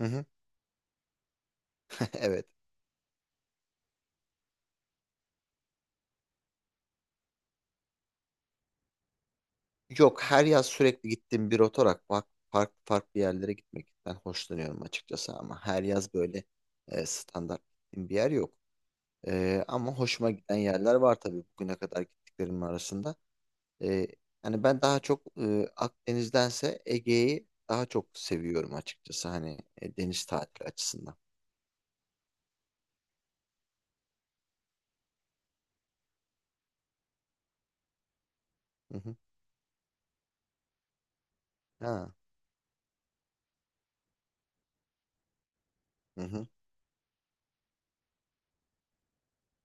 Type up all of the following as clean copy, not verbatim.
Hı hı. Evet. Yok, her yaz sürekli gittiğim bir otor akvak farklı farklı yerlere gitmekten hoşlanıyorum açıkçası ama her yaz böyle standart gittiğim bir yer yok. Ama hoşuma giden yerler var tabii bugüne kadar gittiklerimin arasında. E, Hani ben daha çok Akdeniz'dense Ege'yi daha çok seviyorum açıkçası, hani deniz tatili açısından. Hı hı. Ha. Hı hı.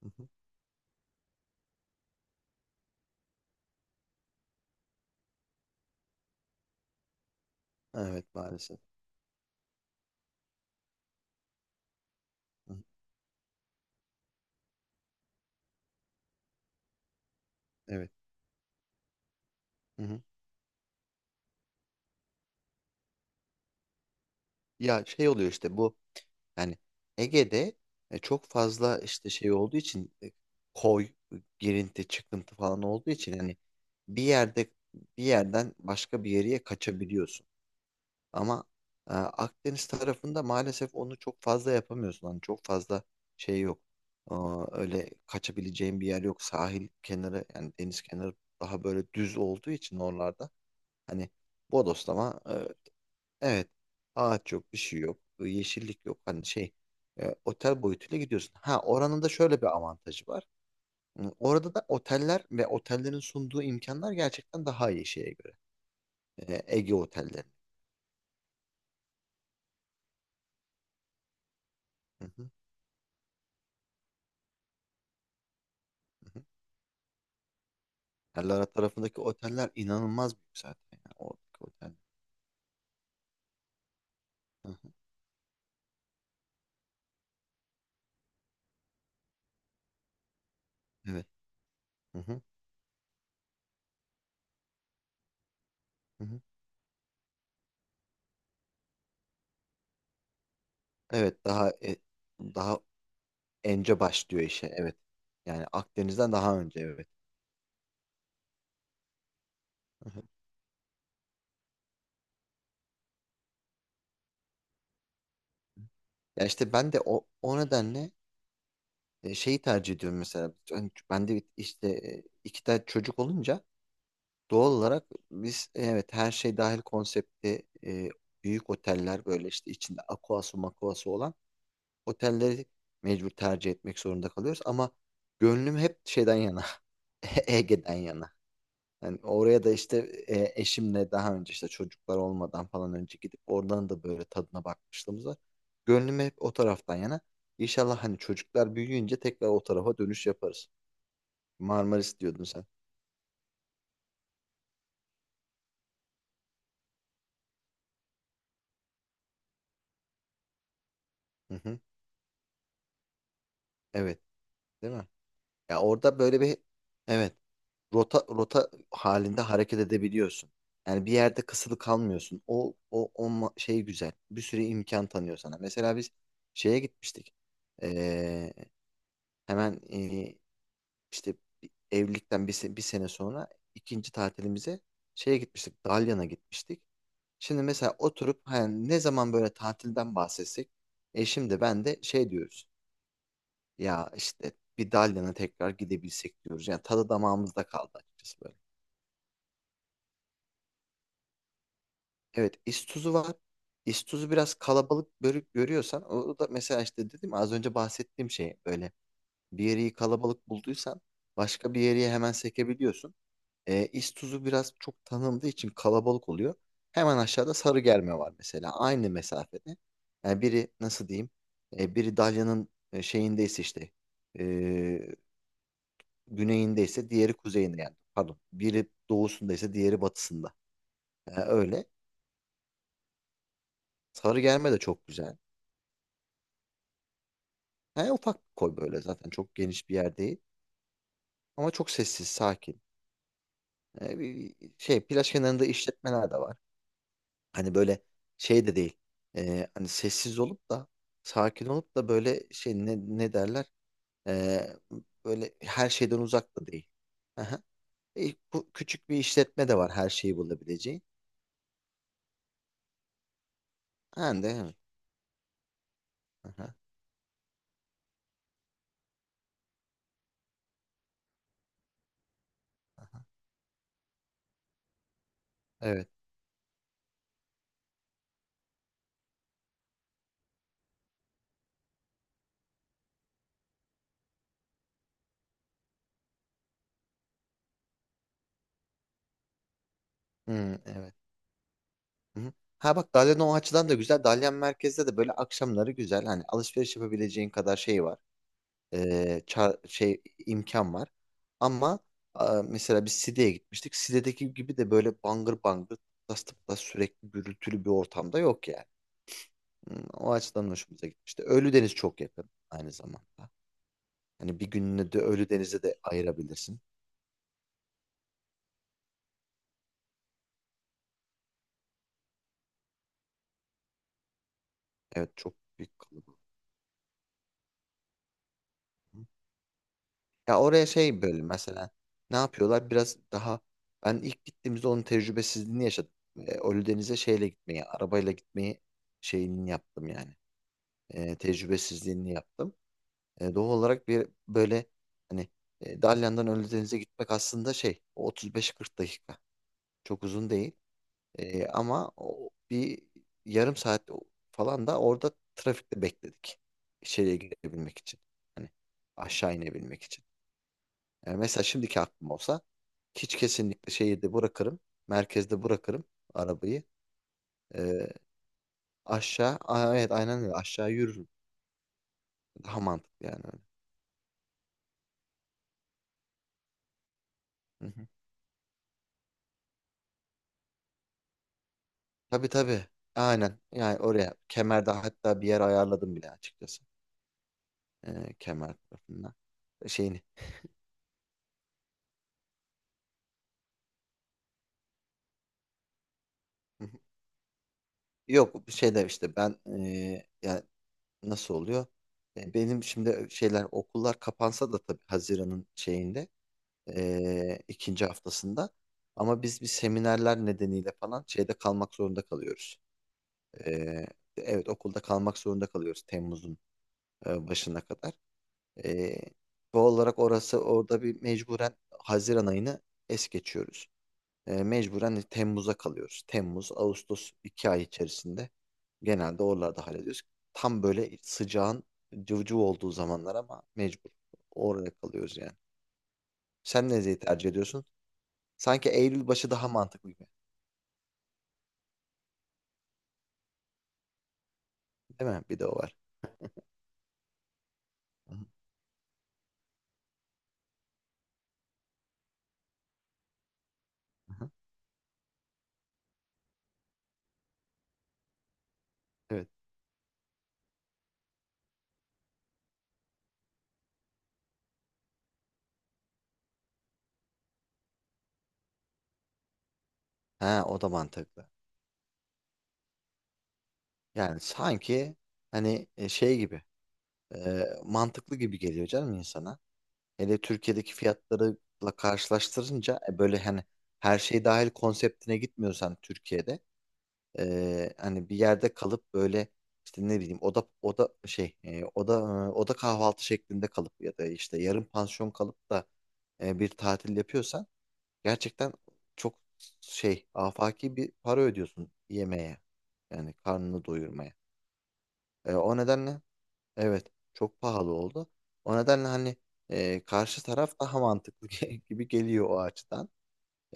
Hı hı. Evet, maalesef. Hı hı. Evet. Hı hı. Ya şey oluyor işte bu, yani Ege'de çok fazla işte şey olduğu için koy, girinti, çıkıntı falan olduğu için hani bir yerde bir yerden başka bir yere kaçabiliyorsun. Ama Akdeniz tarafında maalesef onu çok fazla yapamıyorsun. Hani çok fazla şey yok. Aa, öyle kaçabileceğin bir yer yok. Sahil kenarı, yani deniz kenarı daha böyle düz olduğu için oralarda hani bodoslama. Evet. Ağaç yok, bir şey yok, yeşillik yok. Hani şey, otel boyutuyla gidiyorsun. Ha, oranın da şöyle bir avantajı var. Hı, Orada da oteller ve otellerin sunduğu imkanlar gerçekten daha iyi şeye göre. Ege otelleri. Hı hı, hı hı. Marmara tarafındaki oteller inanılmaz büyük zaten. Yani oradaki otel. Hı hı, evet. Hı hı, hı hı. Evet, daha önce başlıyor işe. Evet. Yani Akdeniz'den daha önce, evet. Hı hı. Ya işte ben de o nedenle şeyi tercih ediyorum mesela. Hani ben de işte iki tane çocuk olunca doğal olarak biz, evet, her şey dahil konsepti, büyük oteller, böyle işte içinde aquası makuası olan otelleri mecbur tercih etmek zorunda kalıyoruz. Ama gönlüm hep şeyden yana, Ege'den yana. Yani oraya da işte eşimle daha önce işte çocuklar olmadan falan önce gidip oradan da böyle tadına bakmışlığımız var. Gönlüm hep o taraftan yana. İnşallah hani çocuklar büyüyünce tekrar o tarafa dönüş yaparız. Marmaris diyordun sen. Hı hı. Evet, değil mi? Ya orada böyle bir, evet, rota rota halinde hareket edebiliyorsun. Yani bir yerde kısılı kalmıyorsun. Şey güzel. Bir sürü imkan tanıyor sana. Mesela biz şeye gitmiştik. Ee, Hemen İşte evlilikten bir sene sonra ikinci tatilimize şeye gitmiştik. Dalyan'a gitmiştik. Şimdi mesela oturup hani ne zaman böyle tatilden bahsetsek, eşim de ben de şey diyoruz. Ya işte bir Dalyan'a tekrar gidebilsek diyoruz. Yani tadı damağımızda kaldı açıkçası böyle. Evet, İstuzu var. İstuzu biraz kalabalık görüyorsan, o da mesela işte dedim ya, az önce bahsettiğim şey böyle, bir yeri kalabalık bulduysan başka bir yere hemen sekebiliyorsun. İstuzu biraz çok tanındığı için kalabalık oluyor. Hemen aşağıda sarı germe var mesela. Aynı mesafede. Yani biri nasıl diyeyim? Biri Dalyan'ın şeyindeyse işte e, güneyindeyse, diğeri kuzeyinde yani. Pardon. Biri doğusundaysa diğeri batısında. Yani öyle. Sarı germe de çok güzel. Yani ufak bir koy, böyle zaten çok geniş bir yer değil. Ama çok sessiz, sakin. Bir şey plaj kenarında işletmeler de var. Hani böyle şey de değil. Hani sessiz olup da sakin olup da böyle şey, ne derler? Ee, Böyle her şeyden uzak da değil. Aha. E, Bu küçük bir işletme de var, her şeyi bulabileceğin. Ha, de, evet. Aha. Evet. Hmm, evet. Hı-hı. Ha bak, Dalyan o açıdan da güzel. Dalyan merkezde de böyle akşamları güzel. Hani alışveriş yapabileceğin kadar şey var. e, şey imkan var. Ama a, mesela biz Side'ye gitmiştik. Side'deki gibi de böyle bangır bangır tıplas tıplas sürekli gürültülü bir ortamda yok yani. O açıdan hoşumuza gitmişti. Ölüdeniz çok yakın aynı zamanda. Hani bir gününü de Ölüdeniz'e de ayırabilirsin. Evet, çok büyük kalabalık. Ya oraya şey böyle mesela ne yapıyorlar? Biraz daha, ben ilk gittiğimizde onun tecrübesizliğini yaşadım. Ölüdeniz'e şeyle gitmeyi, arabayla gitmeyi şeyini yaptım yani. Tecrübesizliğini yaptım. Doğal olarak bir böyle hani Dalyan'dan Ölüdeniz'e gitmek aslında şey, o 35-40 dakika. Çok uzun değil. Ama o, bir yarım saat falan da orada trafikte bekledik. İçeriye girebilmek için. Hani aşağı inebilmek için. Yani mesela şimdiki aklım olsa hiç kesinlikle şehirde bırakırım. Merkezde bırakırım arabayı. E, Aa, evet, aynen öyle, aşağı yürürüm. Daha mantıklı yani öyle. Tabii tabii. Aynen. Yani oraya, kemerde hatta bir yer ayarladım bile açıkçası. Kemer tarafından. Şeyini. Hı hı. Yok, bir şeyler işte, ben yani nasıl oluyor? Benim şimdi şeyler, okullar kapansa da tabii Haziran'ın şeyinde, ikinci haftasında, ama biz bir seminerler nedeniyle falan şeyde kalmak zorunda kalıyoruz. Ee, evet, okulda kalmak zorunda kalıyoruz Temmuz'un başına kadar. Ee, Doğal olarak orası, orada bir mecburen Haziran ayını es geçiyoruz. Mecburen Temmuz'a kalıyoruz. Temmuz, Ağustos iki ay içerisinde genelde oralarda hallediyoruz. Tam böyle sıcağın cıvcıv olduğu zamanlar ama mecbur oraya kalıyoruz yani. Sen nereyi tercih ediyorsun? Sanki Eylül başı daha mantıklı gibi. Değil mi? Bir de o var. Hı hı, hı hı. Evet. Ha, o da mantıklı. Yani sanki hani şey gibi mantıklı gibi geliyor canım insana. Hele Türkiye'deki fiyatlarıyla karşılaştırınca böyle hani, her şey dahil konseptine gitmiyorsan Türkiye'de, hani bir yerde kalıp böyle işte ne bileyim, oda oda şey, oda, oda kahvaltı şeklinde kalıp ya da işte yarım pansiyon kalıp da bir tatil yapıyorsan, gerçekten çok şey, afaki bir para ödüyorsun yemeğe, yani karnını doyurmaya. O nedenle, evet, çok pahalı oldu. O nedenle hani karşı taraf daha mantıklı gibi geliyor o açıdan.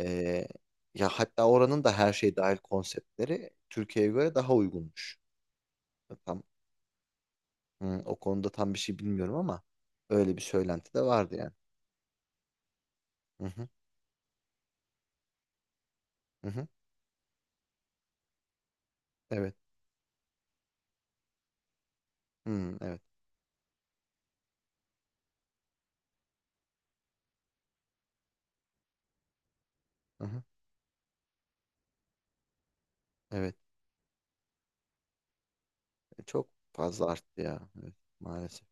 E, Ya hatta oranın da her şey dahil konseptleri Türkiye'ye göre daha uygunmuş. Tam, hı, o konuda tam bir şey bilmiyorum ama öyle bir söylenti de vardı yani. Hı hı, hı hı, evet. Hı, evet. Hı hı, evet. Çok fazla arttı ya. Evet, maalesef.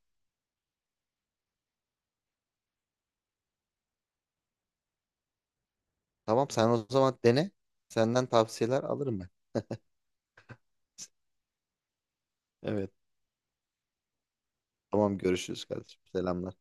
Tamam, sen o zaman dene. Senden tavsiyeler alırım ben. Evet. Tamam, görüşürüz kardeşim. Selamlar.